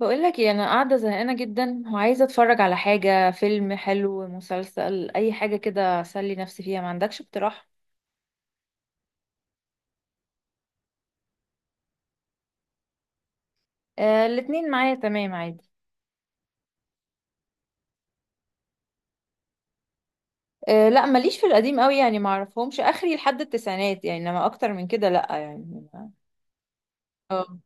بقول لك ايه، انا قاعده زهقانه جدا وعايزه اتفرج على حاجه، فيلم حلو، مسلسل، اي حاجه كده اسلي نفسي فيها. ما عندكش اقتراح؟ آه، الاتنين معايا، تمام عادي. آه لا، ماليش في القديم قوي يعني، ما اعرفهمش، اخري لحد التسعينات يعني، انما اكتر من كده لا يعني. اه.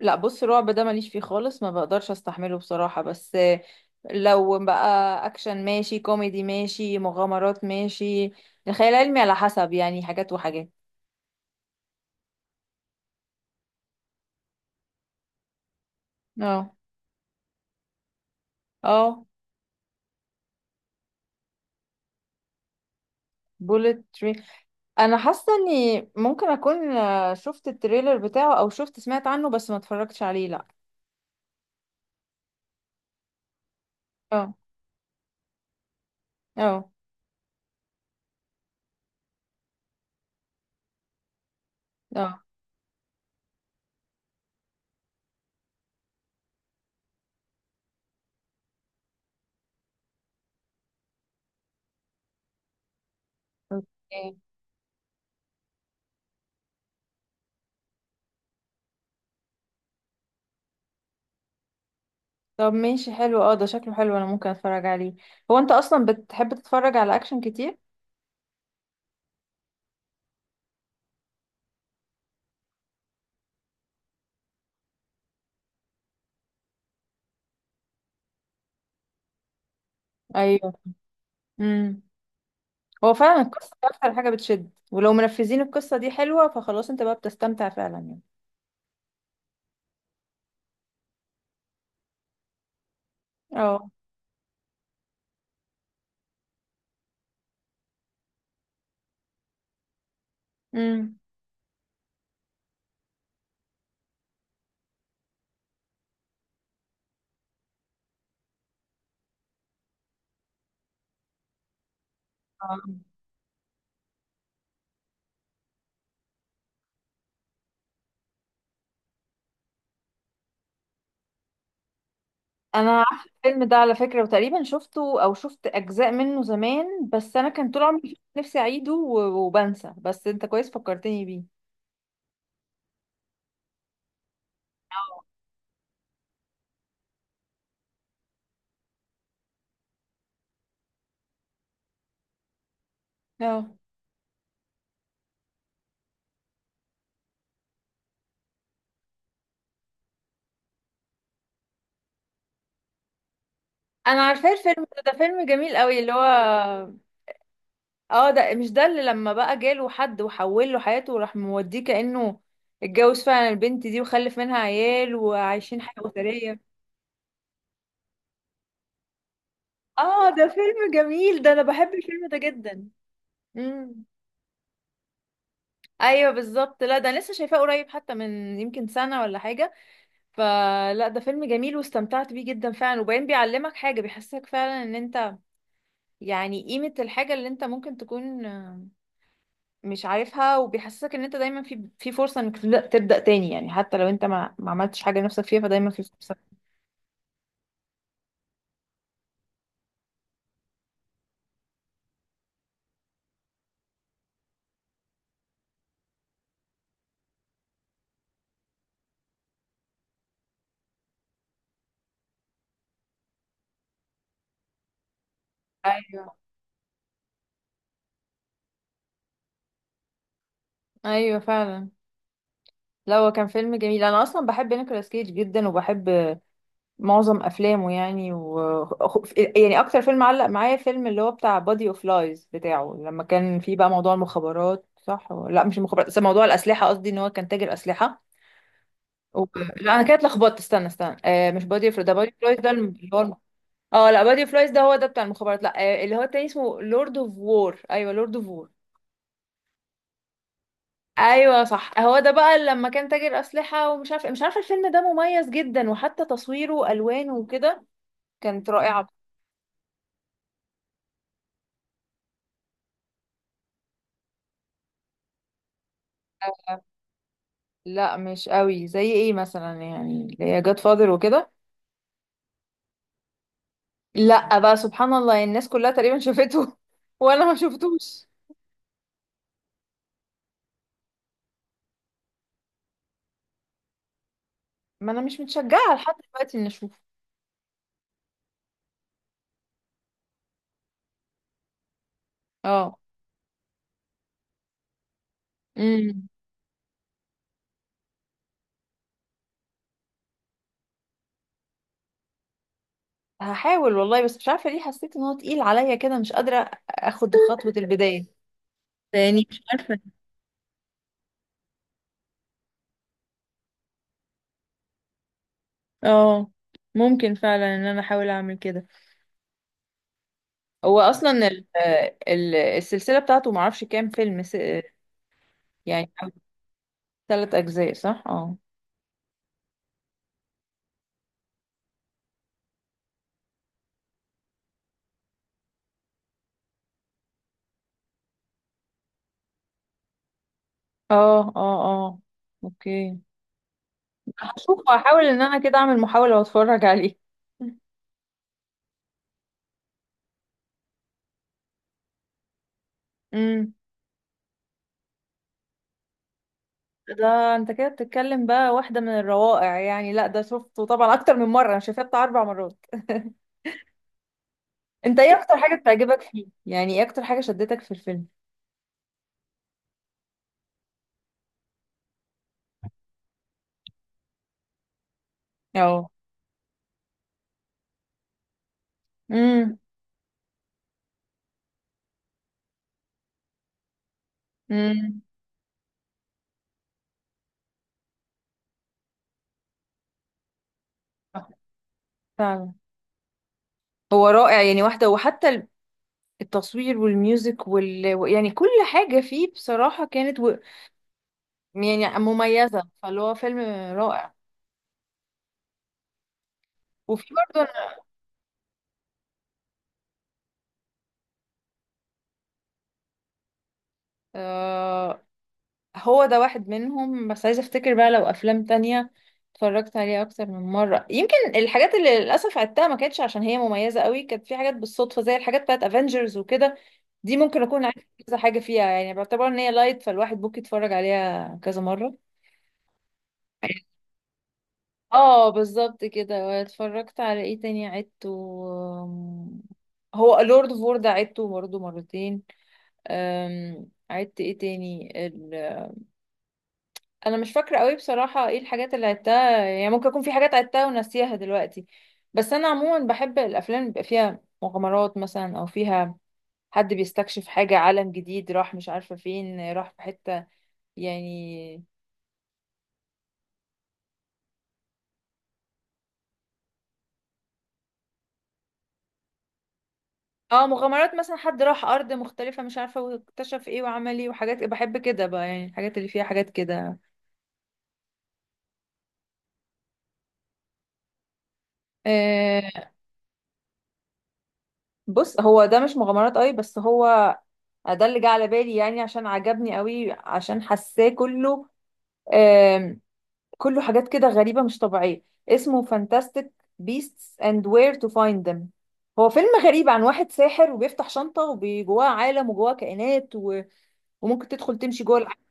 لا بص، الرعب ده ماليش فيه خالص، ما بقدرش استحمله بصراحه. بس لو بقى اكشن ماشي، كوميدي ماشي، مغامرات ماشي. الخيال العلمي على حسب يعني، حاجات وحاجات. اه. اه. بوليت. انا حاسه اني ممكن اكون شفت التريلر بتاعه، او شفت، سمعت عنه، بس ما اتفرجتش عليه لا. اه. اه. اه. اوكي. طب ماشي حلو، اه ده شكله حلو، انا ممكن اتفرج عليه. هو انت اصلا بتحب تتفرج على اكشن كتير؟ ايوه. امم هو فعلا القصه دي اكتر حاجه بتشد، ولو منفذين القصه دي حلوه فخلاص انت بقى بتستمتع فعلا يعني. اه. امم انا عارفه الفيلم ده على فكره، وتقريبا شفته او شفت اجزاء منه زمان، بس انا كان طول عمري نفسي اعيده وبنسى، بس انت كويس فكرتني بيه. اه، انا عارفاه الفيلم ده. ده فيلم جميل قوي اللي هو. اه، ده مش ده اللي لما بقى جاله حد وحول له حياته وراح موديه كانه اتجوز فعلا البنت دي وخلف منها عيال وعايشين حياه اسريه؟ اه، ده فيلم جميل، ده انا بحب الفيلم ده جدا. امم. ايوه بالظبط. لا ده أنا لسه شايفاه قريب، حتى من يمكن سنه ولا حاجه. فلا ده فيلم جميل، واستمتعت بيه جدا فعلا. وبعدين بيعلمك حاجة، بيحسسك فعلا ان انت يعني قيمة الحاجة اللي انت ممكن تكون مش عارفها. وبيحسسك ان انت دايما في فرصة انك تبدأ تاني يعني، حتى لو انت ما عملتش حاجة نفسك فيها، فدايما في فرصة. ايوه. ايوه فعلا. لا، هو كان فيلم جميل. انا اصلا بحب نيكولاس كيج جدا، وبحب معظم افلامه يعني يعني اكتر فيلم علق معايا فيلم اللي هو بتاع بادي اوف لايز بتاعه، لما كان فيه بقى موضوع المخابرات، صح لا مش المخابرات، بس موضوع الاسلحه، قصدي ان هو كان تاجر اسلحه و... لا انا كده اتلخبطت، استنى استنى، مش بادي اوف ده، بادي اوف لايز ده اللي هو اه لا، بادي اوف لايز ده هو ده بتاع المخابرات. لا اللي هو التاني اسمه لورد اوف وور. ايوه، لورد اوف وور. ايوه صح، هو ده بقى لما كان تاجر اسلحه، ومش عارفه مش عارفه، الفيلم ده مميز جدا، وحتى تصويره والوانه وكده كانت رائعه. لا مش قوي. زي ايه مثلا يعني اللي هي جاد فاذر وكده؟ لا بقى سبحان الله الناس كلها تقريبا شافته وانا ما شفتوش. ما انا مش متشجعه لحد دلوقتي اني اشوفه. اه. امم هحاول والله، بس مش عارفه ليه حسيت ان هو تقيل عليا كده، مش قادره اخد خطوه البدايه. يعني مش عارفه. اه، ممكن فعلا ان انا احاول اعمل كده. هو اصلا ال السلسله بتاعته معرفش كام فيلم يعني 3 اجزاء صح اه. اه. اه. اه. اوكي، هشوف، هحاول ان انا كده اعمل محاولة واتفرج عليه. امم، ده انت كده بتتكلم بقى واحدة من الروائع يعني. لا ده شفته طبعا اكتر من مرة، انا شايفاه بتاع 4 مرات. انت ايه اكتر حاجة بتعجبك فيه يعني؟ ايه اكتر حاجة شدتك في الفيلم؟ اه. امم. امم. فعلا. هو رائع يعني، واحدة، وحتى التصوير والميوزك يعني كل حاجة فيه بصراحة كانت يعني مميزة، فاللي هو فيلم رائع. وفي برضه، هو ده واحد منهم، بس عايزة افتكر بقى لو افلام تانية اتفرجت عليها اكتر من مرة. يمكن الحاجات اللي للاسف عدتها ما كانتش عشان هي مميزة قوي، كانت في حاجات بالصدفة زي الحاجات بتاعت افنجرز وكده، دي ممكن اكون عارفة كذا حاجة فيها، يعني بعتبر ان هي لايت، فالواحد ممكن يتفرج عليها كذا مرة. اه بالظبط كده. واتفرجت على ايه تاني عدته؟ أم، هو لورد اوف وور ده عدته برضه مرتين. عدت ايه تاني؟ انا مش فاكره قوي بصراحه ايه الحاجات اللي عدتها يعني، ممكن يكون في حاجات عدتها وناسيها دلوقتي. بس انا عموما بحب الافلام اللي بيبقى فيها مغامرات مثلا، او فيها حد بيستكشف حاجه، عالم جديد راح مش عارفه فين، راح في حته يعني. اه، مغامرات مثلا، حد راح ارض مختلفه مش عارفه، واكتشف ايه وعمل ايه، وحاجات بحب كده بقى يعني، الحاجات اللي فيها حاجات كده. آه بص هو ده مش مغامرات قوي، بس هو ده اللي جه على بالي يعني، عشان عجبني قوي، عشان حاساه كله كله حاجات كده غريبة مش طبيعية. اسمه Fantastic Beasts and Where to Find Them. هو فيلم غريب عن واحد ساحر، وبيفتح شنطة وجواه عالم وجواه كائنات وممكن تدخل تمشي جوه العالم.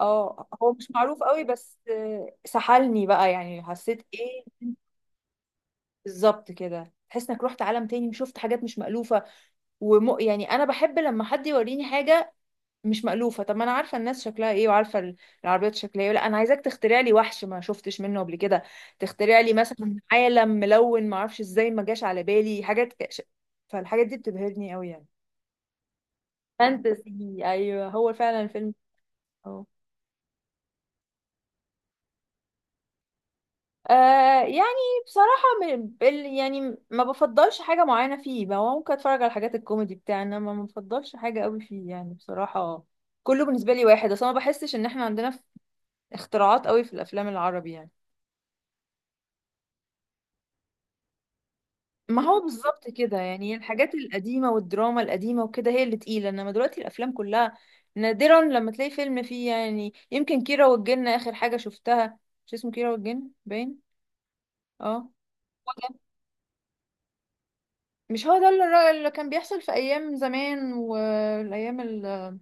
اه، هو مش معروف قوي، بس سحلني بقى يعني، حسيت ايه. بالظبط كده، تحس انك رحت عالم تاني، وشفت حاجات مش مألوفة يعني انا بحب لما حد يوريني حاجة مش مألوفة. طب ما انا عارفة الناس شكلها ايه، وعارفة العربيات شكلها ايه. لا انا عايزاك تخترع لي وحش ما شفتش منه قبل كده، تخترع لي مثلا عالم ملون، ما اعرفش ازاي، ما جاش على بالي حاجات فالحاجات دي بتبهرني قوي يعني. فانتسي ايوه، هو فعلا الفيلم. اه. يعني بصراحة يعني ما بفضلش حاجة معينة فيه، ما هو ممكن اتفرج على الحاجات الكوميدي بتاعنا، ما بفضلش حاجة قوي فيه يعني بصراحة. كله بالنسبة لي واحد، اصل أنا ما بحسش ان احنا عندنا اختراعات قوي في الافلام العربي يعني. ما هو بالظبط كده يعني، الحاجات القديمة والدراما القديمة وكده هي اللي تقيلة، انما دلوقتي الافلام كلها نادرا لما تلاقي فيلم فيه يعني. يمكن كيرة والجن اخر حاجة شفتها، مش اسمه كيرة والجن باين. اه هو ده. مش هو ده اللي اللي كان بيحصل في ايام زمان والايام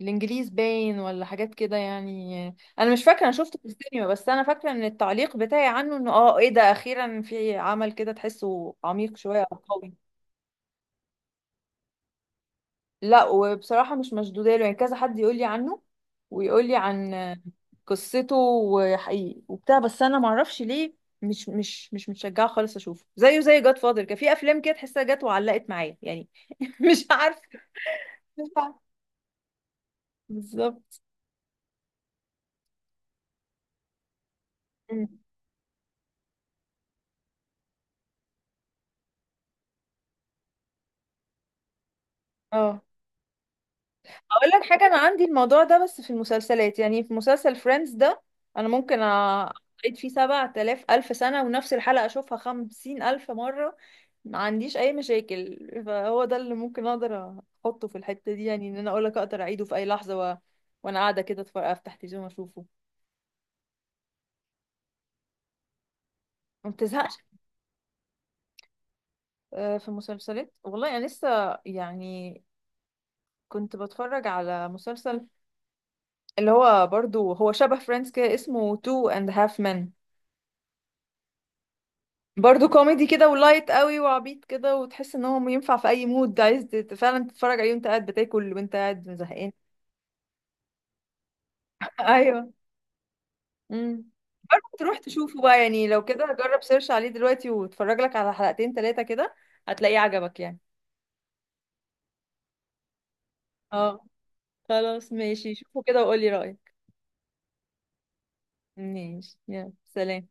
الانجليز باين ولا حاجات كده يعني؟ انا مش فاكرة، انا شفته في السينما، بس انا فاكرة ان التعليق بتاعي عنه انه ايه ده، اخيرا في عمل كده تحسه عميق شوية او قوي. لا، وبصراحة مش مشدودة له، يعني كذا حد يقول لي عنه ويقول لي عن قصته، وحقيقي وبتاع، بس انا معرفش ليه مش متشجعة خالص اشوفه، زيه زي جاد فاذر، كان في افلام كده تحسها جت وعلقت معايا يعني. مش عارفة، مش عارفة بالظبط. مم. اه، اقول لك حاجه، انا عندي الموضوع ده بس في المسلسلات، يعني في مسلسل فريندز ده، انا ممكن اقعد فيه سبعة آلاف الف سنه ونفس الحلقه اشوفها 50 الف مره، ما عنديش اي مشاكل. فهو ده اللي ممكن اقدر احطه في الحته دي، يعني ان انا اقول لك اقدر اعيده في اي لحظه وانا قاعده كده اتفرج، افتح تلفزيون اشوفه، ما بتزهقش. في مسلسلات والله، انا لسه يعني كنت بتفرج على مسلسل، اللي هو برضو هو شبه فريندز كده، اسمه تو اند هاف men. برضو كوميدي كده ولايت قوي وعبيط كده، وتحس ان هو ينفع في اي مود عايز فعلا تتفرج عليه وانت قاعد بتاكل وانت قاعد زهقان. ايوه. امم. برضو تروح تشوفه بقى يعني، لو كده جرب سيرش عليه دلوقتي واتفرج لك على حلقتين ثلاثة كده، هتلاقيه عجبك يعني. اه، خلاص ماشي، شوفه كده وقولي رأيك. ماشي، يلا سلام.